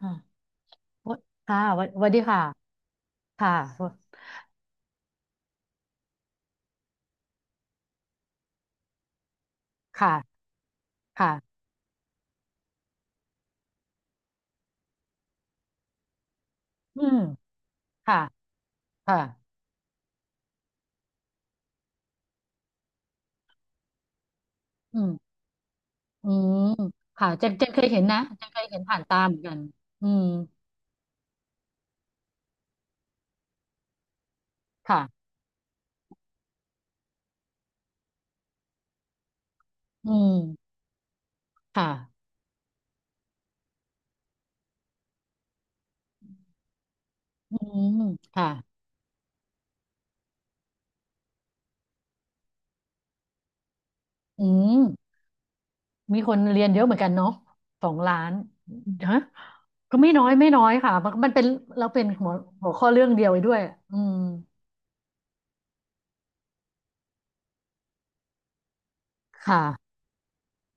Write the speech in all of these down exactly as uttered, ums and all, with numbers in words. ค่ะค่ะวันวันดีค่ะค่ะค่ะค่ะอืมค่ะค่ะอืมอืมค่ะเจนเจนเคยเห็นนะเจนเคยเห็นผ่านตาเหมือนกันอืมค่ะอืมค่ะอืมค่ะอืมมีคนเรียนเยอะเหมือนกันเนาะสองล้านฮะก็ไม่น้อยไม่น้อยค่ะมันมันเป็นเราเป็นหัวหัวข้อเรื่องเดียวไปด้วยอืมค่ะ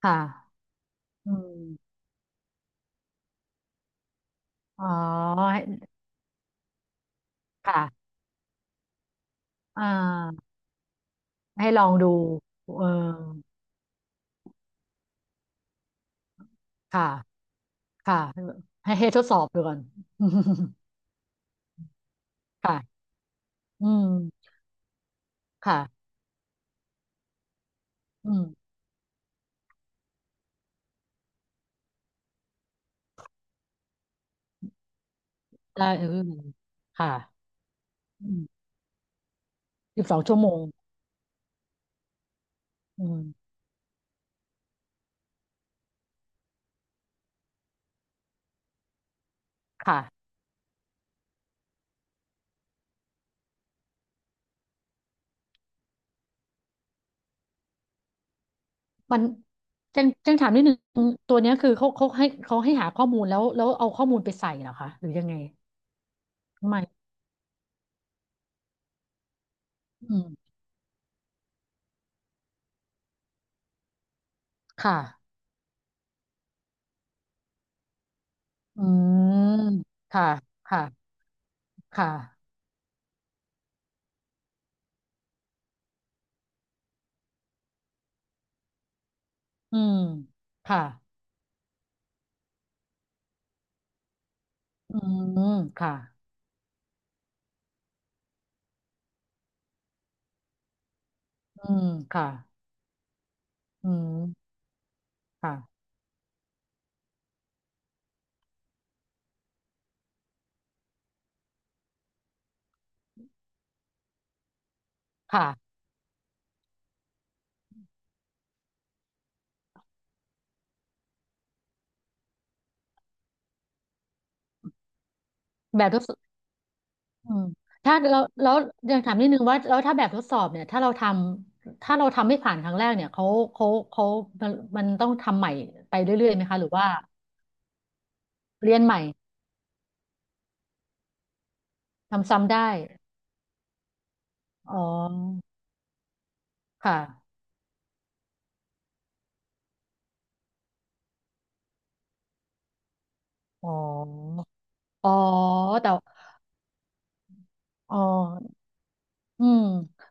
ค่ะอืมอ๋อค่ะอ่า ให้ลองดูเออค่ะค่ะให้ให้ทดสอบดูก่อน ค่ะ อืมค่ะอืมได้เออค่ะ อืมสิบสองชั่วโมง อืมค่ะ มันจังจังถามนิดนึงตัวเนี้ยคือเขาเขาให้เขาให้หาข้อมูลแล้วแล้วเอาข้อมูลไปใส่เหรอคะ หรือยังไงทำไมอืมค่ะอืมค่ะค่ะค่ะอืมค่ะอืมค่ะอืมค่ะอืมค่ะ ค่ะแบบทดสอบอืมถ้าเราแล้วยังถามนิดนึงว่าแล้วถ้าแบบทดสอบเนี่ยถ้าเราทำถ้าเราทำไม่ผ่านครั้งแรกเนี่ยเขาเขาเขามันมันต้องทำใหม่ไปเรื่อยๆไหมคะหรือว่าเรียนใหม่ทำซ้ำได้อ๋อค่ะอ๋ออ๋อแต่อ๋ออืม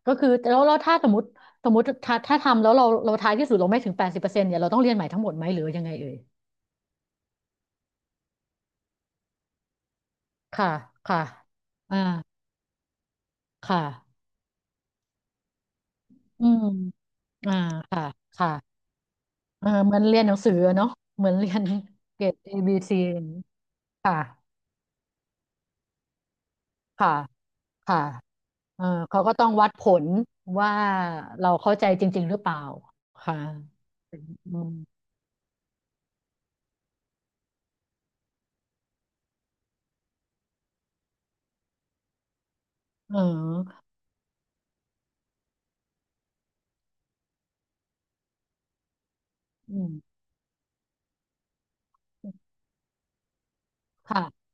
ก็คือแล้วแล้วถ้าสมมติสมมติถ้าถ้าทำแล้วเราเราท้ายที่สุดเราไม่ถึงแปดสิบเปอร์เซ็นต์เนี่ยเราต้องเรียนใหม่ทั้งหมดไหมหรือยังไงเอ่ยค่ะค่ะอ่าค่ะอืม อ่าค่ะค่ะเออเหมือนเรียนหนังสืออะเนาะเหมือนเรียนเกรด A B C อย่ซนีค่ะ ค่ะค่ะเออเขาก็ต้องวัดผลว่าเราเข้าใจจริงๆหรือเปล่า ค่ะอืมเอออืมค่ะ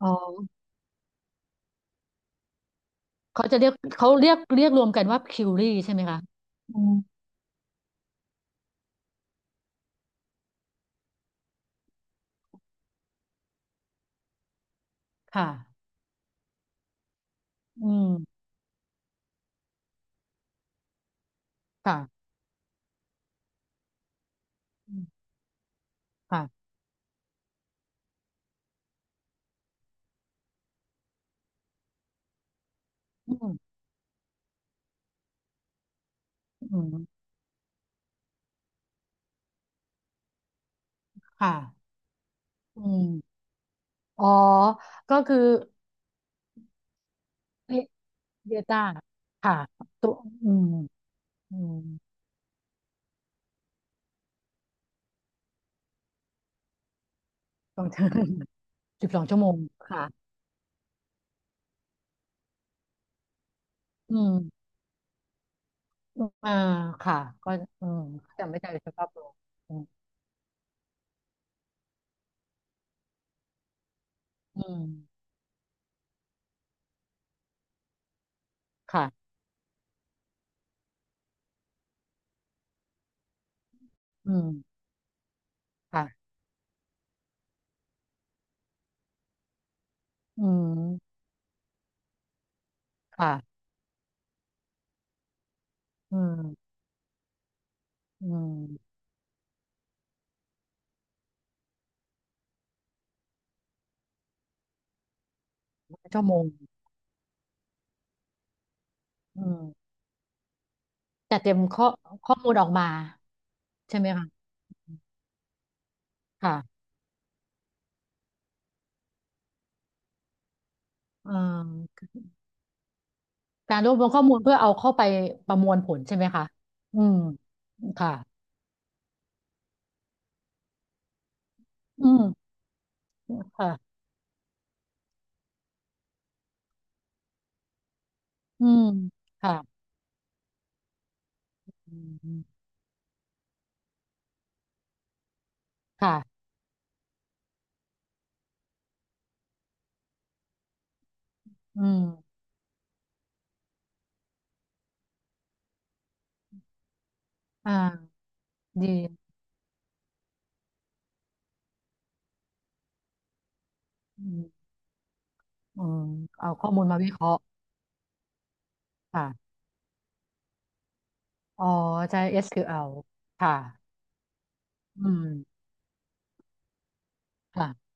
อ๋อเขาจะเรียกเขาเรียกเรียกรวมกันว่าคิวรี่ใช่ไหมคะอืมค่ะอืม ค่ะ อืม ค่ะอืมอืมค่ะอืมอ๋อ ก็คือ เยต้าค่ะตัวอืมอืมของเธอสิบสองชั่วโมงค่ะอืมอ่าค่ะก็อืมจำไม่ได้เลยสภาพรวอืมอืมค่ะ อืม ค่ะอืมค่ะอืมอืมชั่วโมงอืมแต่เตรียมข้อข้อมูลออกมาใช่ไหมคะค่ะเอ่อการรวบรวมข้อมูลเพื่อเอาเข้าไปประมวลผลใช่ไหมคะอืมค่ะ อืม ค่ะ อืม ค่ะ อืมค่ะอืมอ่าดีอืมอืมเอาข้อมูลมาวิเคราะห์ค่ะอ๋อใช้ เอส คิว แอล ควแอลค่ะอืมค่ะ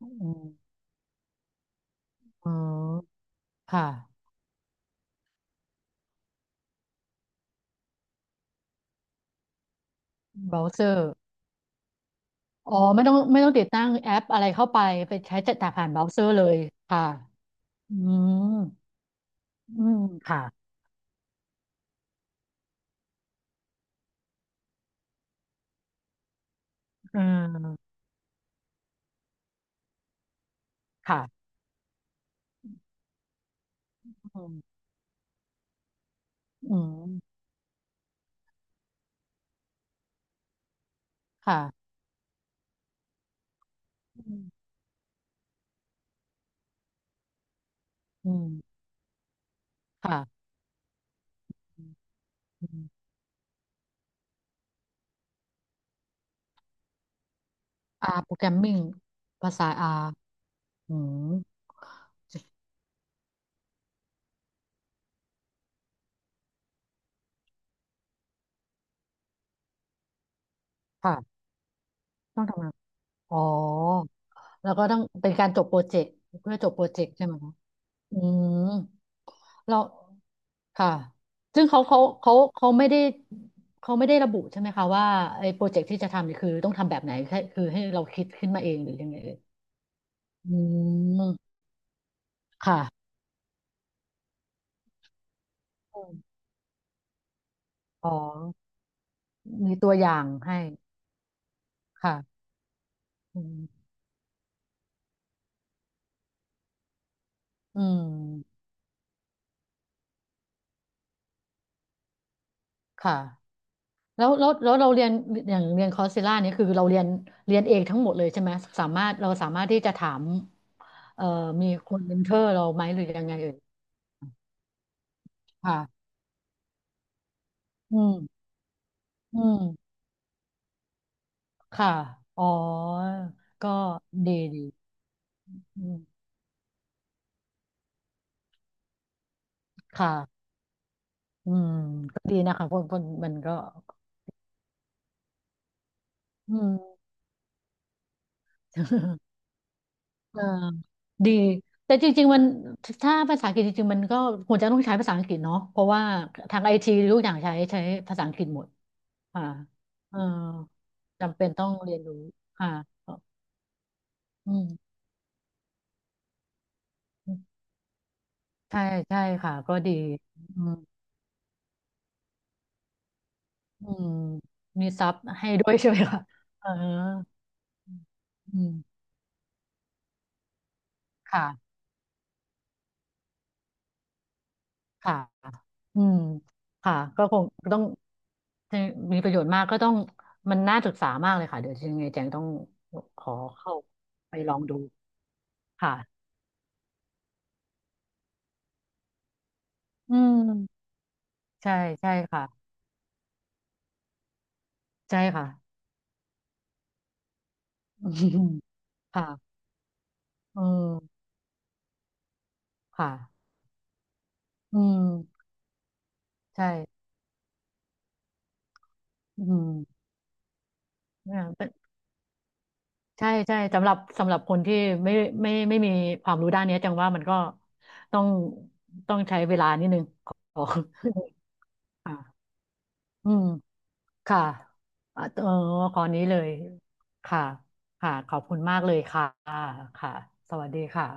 อืมอ๋อค่ะเบราว์เซอร์อ๋อ ไม่ต้องไม่ต้องติดตั้งแอปอะไรเข้าไป ไปใช้จัดแต่ผ่านเบราว์เซอร์เลย ค่ะอืมอืม ค่ะ อืม ค่ะ อืมอืม ค่ะอืมอืมค่ะอืม R programming ภาษา R อืมค่ะ ต้องทำงานอ๋อแล้วก็ต้องเป็นการจบโปรเจกต์เพื่อจบโปรเจกต์ใช่ไหมคะอืมเราค่ะซึ่งเขาเขาเขาเขาไม่ได้เขาไม่ได้ระบุใช่ไหมคะว่าไอ้โปรเจกต์ที่จะทำเนี่ยคือต้องทำแบบไหนแค่คือให้เราคิดขึ้นมาเองหรือยังไงเอ่ยอืมค่ะอมอ๋อมีตัวอย่างให้ค่ะอืมอืมค่ะแล้วแล้วแล้วเราเรียนอย่างเรียนคอร์สเซล่าเนี่ยคือเราเรียนเรียนเองทั้งหมดเลยใช่ไหมสามารถเราสามารถที่จะถาม เอ่อมีคนเมนเทอร์เราไหมหรือยังไงเอ่ยค่ะอืมอืมค่ะอ๋อก็ดีดีอืมค่ะอืมก็ดีนะคะคนคนมันก็อืม เออดีแต่จริงๆมันถ้าภาษาอังกฤษจริงๆมันก็ควรจะต้องใช้ภาษาอังกฤษเนาะเพราะว่าทางไอทีทุกอย่างใช้ใช้ภาษาอังกฤษหมดค่ะเออจำเป็นต้องเรียนรู้ค่ะอืมใช่ใช่ค่ะก็ดีอืม อืมมีซับให้ด้วยใช่ไหมคะเอออืมค่ะค่ะอืมค่ะก็คงต้องมีประโยชน์มากก็ต้องมันน่าศึกษามากเลยค่ะเดี๋ยวยังไงแจงต้องขอเข้าไปลองดูค่ะอืมใช่ใช่ค่ะใช่ค่ะ อืมค่ะอืมค่ะอืมใช่อืมเนี่ยเป็น ใช่ใช่สำหรับสำหรับคนที่ไม่ไม่ไม่มีความรู้ด้านเนี้ยจังว่ามันก็ต้องต้องใช้เวลานิดนึงขอ ค่ะอืมค่ะอ่ะเออขอนี้เลยค่ะค่ะขอบคุณมากเลยค่ะค่ะสวัสดีค่ะ